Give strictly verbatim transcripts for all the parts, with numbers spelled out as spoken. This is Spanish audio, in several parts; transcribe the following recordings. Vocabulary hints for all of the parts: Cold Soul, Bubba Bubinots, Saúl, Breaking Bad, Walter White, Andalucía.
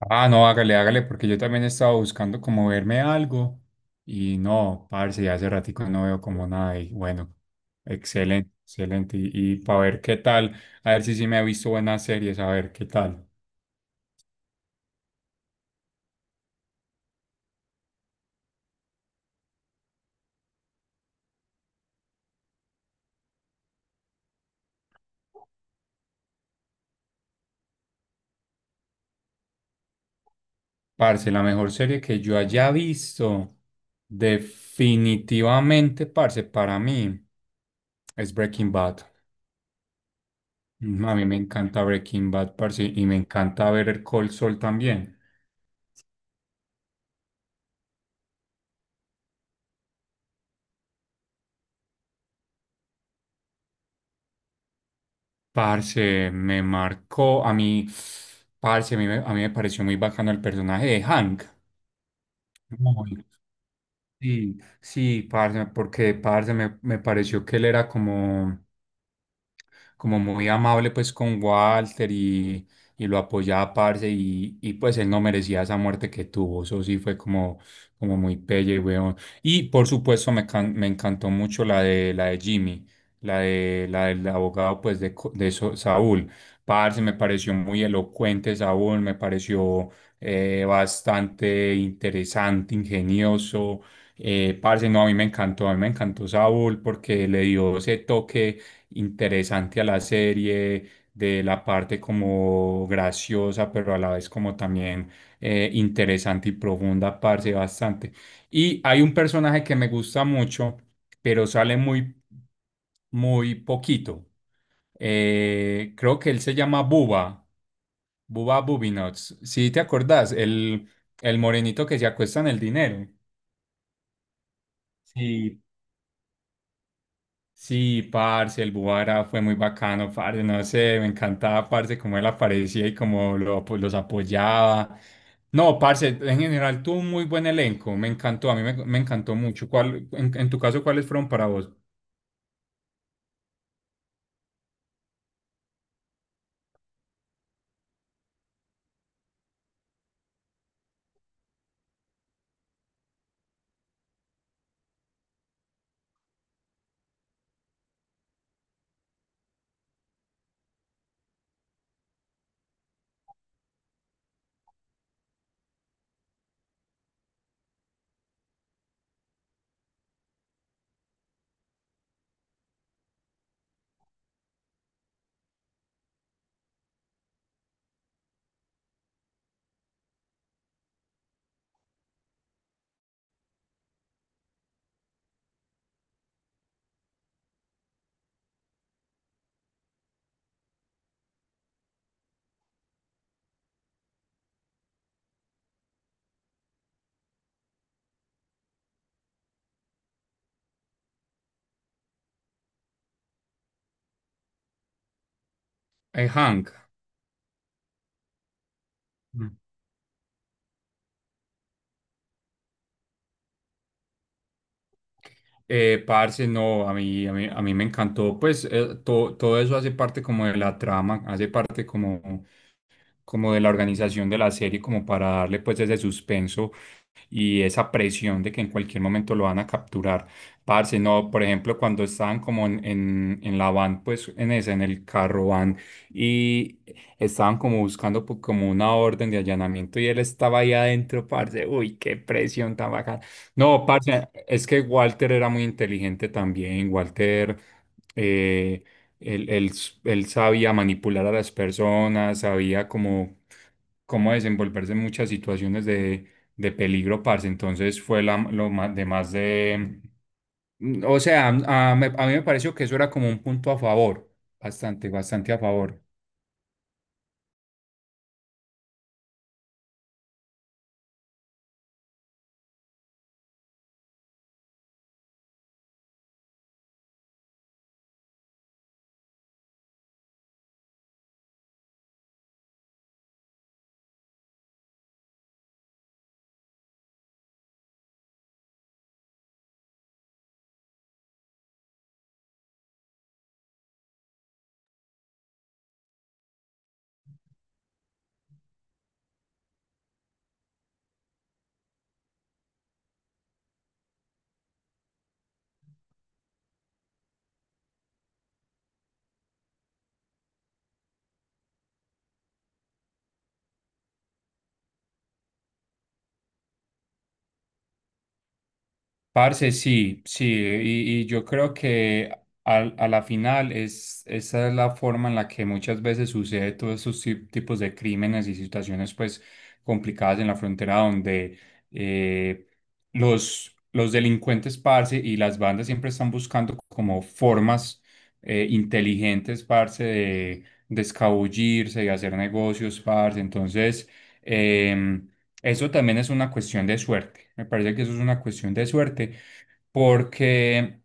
Ah, no, hágale, hágale, porque yo también estaba buscando como verme algo y no, parce, ya hace ratico no veo como nada y bueno, excelente, excelente. Y, para ver qué tal, a ver si sí me he visto buenas series, a ver qué tal. Parce, la mejor serie que yo haya visto, definitivamente, parce, para mí es Breaking Bad. Mm, a mí me encanta Breaking Bad, parce, y me encanta ver el Cold Soul también. Parce, me marcó a mí, parce, a mí, me- a mí me pareció muy bacano el personaje de Hank. Muy. Sí, sí, parce, porque parce me, me pareció que él era como, como muy amable pues con Walter y, y lo apoyaba, parce, y, y pues él no merecía esa muerte que tuvo. Eso sí fue como, como muy pelle, weón. Y por supuesto me, can- me encantó mucho la de, la de Jimmy, la de, la del abogado pues de, Co- de So- Saúl. Parce, me pareció muy elocuente Saúl, me pareció eh, bastante interesante, ingenioso. Eh, parce, no, a mí me encantó, a mí me encantó Saúl porque le dio ese toque interesante a la serie, de la parte como graciosa, pero a la vez como también eh, interesante y profunda, parce, bastante. Y hay un personaje que me gusta mucho, pero sale muy, muy poquito. Eh, creo que él se llama Bubba, Bubba Bubinots. ¿Sí te acordás? el, el morenito que se acuesta en el dinero. Sí, sí, parce, el Buara fue muy bacano, parce, no sé, me encantaba, parce, cómo él aparecía y cómo lo- pues, los apoyaba. No, parce, en general tuvo un muy buen elenco, me encantó, a mí me, me encantó mucho. ¿Cuál, en, en tu caso, cuáles fueron para vos? Eh, Hank. Mm. Eh, parce, no, a mí, a mí, a mí me encantó, pues eh, to- todo eso hace parte como de la trama, hace parte como, como de la organización de la serie, como para darle pues ese suspenso y esa presión de que en cualquier momento lo van a capturar. Parce, no, por ejemplo, cuando estaban como en, en, en la van, pues en ese, en el carro van, y estaban como buscando po- como una orden de allanamiento y él estaba ahí adentro, parce, uy, qué presión tan bacana. No, parce, es que Walter era muy inteligente también. Walter, eh, él, él s- él sabía manipular a las personas, sabía como cómo desenvolverse en muchas situaciones de de peligro, parce. Entonces fue la, lo más, de más de... mm, O sea, a, a- me- a mí me pareció que eso era como un punto a favor, bastante, bastante a favor. Parce, sí, sí, y, y yo creo que al- a la final es, esa es la forma en la que muchas veces sucede todos esos ti- tipos de crímenes y situaciones pues complicadas en la frontera donde eh, los, los delincuentes, parce, y las bandas siempre están buscando como formas eh, inteligentes, parce, de, de escabullirse y hacer negocios, parce. Entonces, em, eso también es una cuestión de suerte. Me parece que eso es una cuestión de suerte porque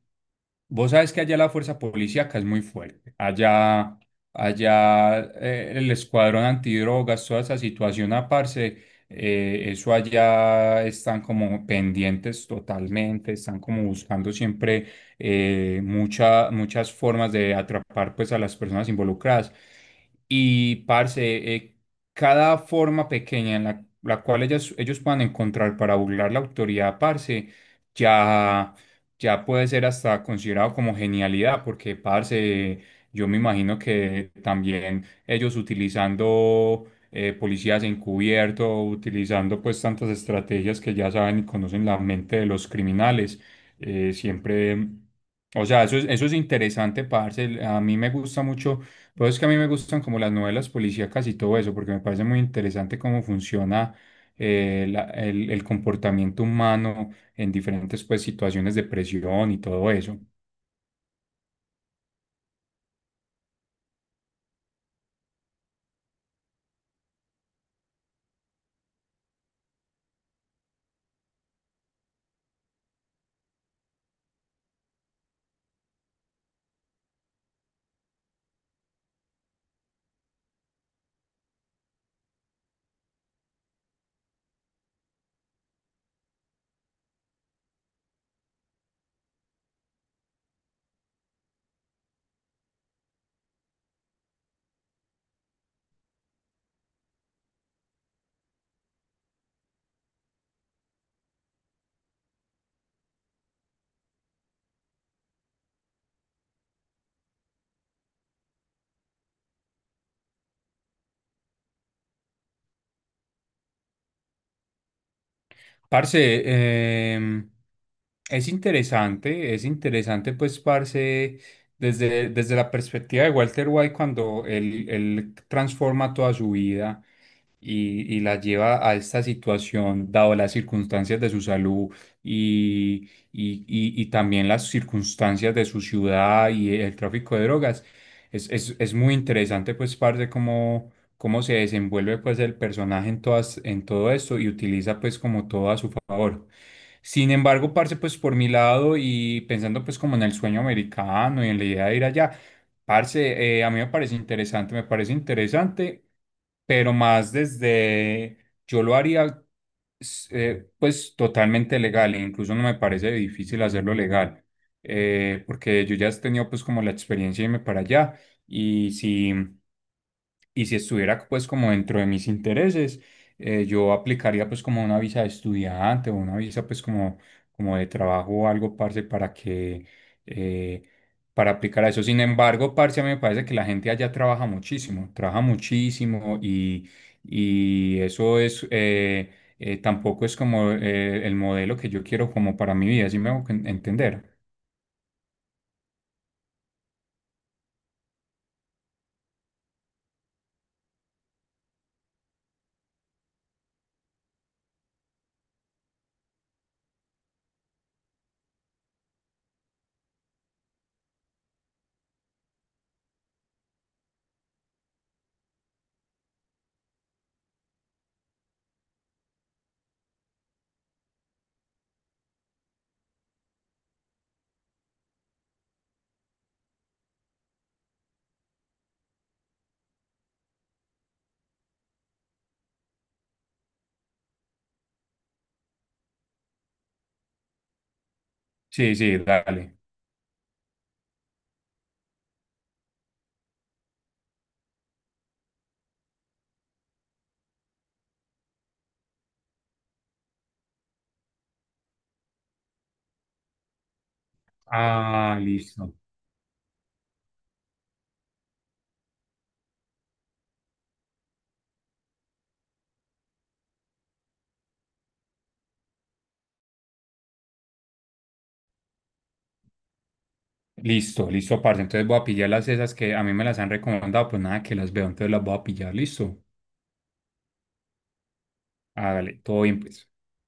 vos sabes que allá la fuerza policíaca es muy fuerte. Allá, allá eh, el escuadrón antidrogas, toda esa situación aparte, eh, eso allá están como pendientes totalmente, están como buscando siempre eh, mucha- muchas formas de atrapar pues a las personas involucradas. Y parce, eh, cada forma pequeña en la, la cual ellas- ellos puedan encontrar para burlar la autoridad, parce, ya, ya puede ser hasta considerado como genialidad, porque, parce, yo me imagino que también ellos utilizando eh, policías encubierto, utilizando pues tantas estrategias que ya saben y conocen la mente de los criminales, eh, siempre... O sea, eso es, eso es interesante, parce. A mí me gusta mucho, pero es que a mí me gustan como las novelas policíacas y todo eso, porque me parece muy interesante cómo funciona eh, la- el, el comportamiento humano en diferentes pues, situaciones de presión y todo eso. Parce, em, es interesante, es interesante pues, parce, desde, desde la perspectiva de Walter White cuando él, él transforma toda su vida y, y la lleva a esta situación, dado las circunstancias de su salud y, y, y- y también las circunstancias de su ciudad y el tráfico de drogas. Es, es, es muy interesante pues, parce, cómo se desenvuelve pues el personaje en todas, en todo esto y utiliza pues como todo a su favor. Sin embargo, parce, pues por mi lado y pensando pues como en el sueño americano y en la idea de ir allá, parce, eh, a mí me parece interesante, me parece interesante, pero más desde, yo lo haría s- eh, pues totalmente legal, e incluso no me parece difícil hacerlo legal, eh, porque yo ya he tenido pues como la experiencia de irme para allá y si... Y si estuviera pues como dentro de mis intereses, eh, yo aplicaría pues como una visa de estudiante o una visa pues como, como de trabajo o algo, parce, para que, eh, para aplicar a eso. Sin embargo, parce, a mí me parece que la gente allá trabaja muchísimo, trabaja muchísimo y, y eso es, eh, eh, tampoco es como eh, el modelo que yo quiero como para mi vida, ¿sí me hago enten- entender? Sí, sí, dale. Ah, listo. Listo, listo, parce. Entonces voy a pillar las esas que a mí me las han recomendado, pues nada, que las veo, entonces las voy a pillar, listo. Hágale, todo bien, pues.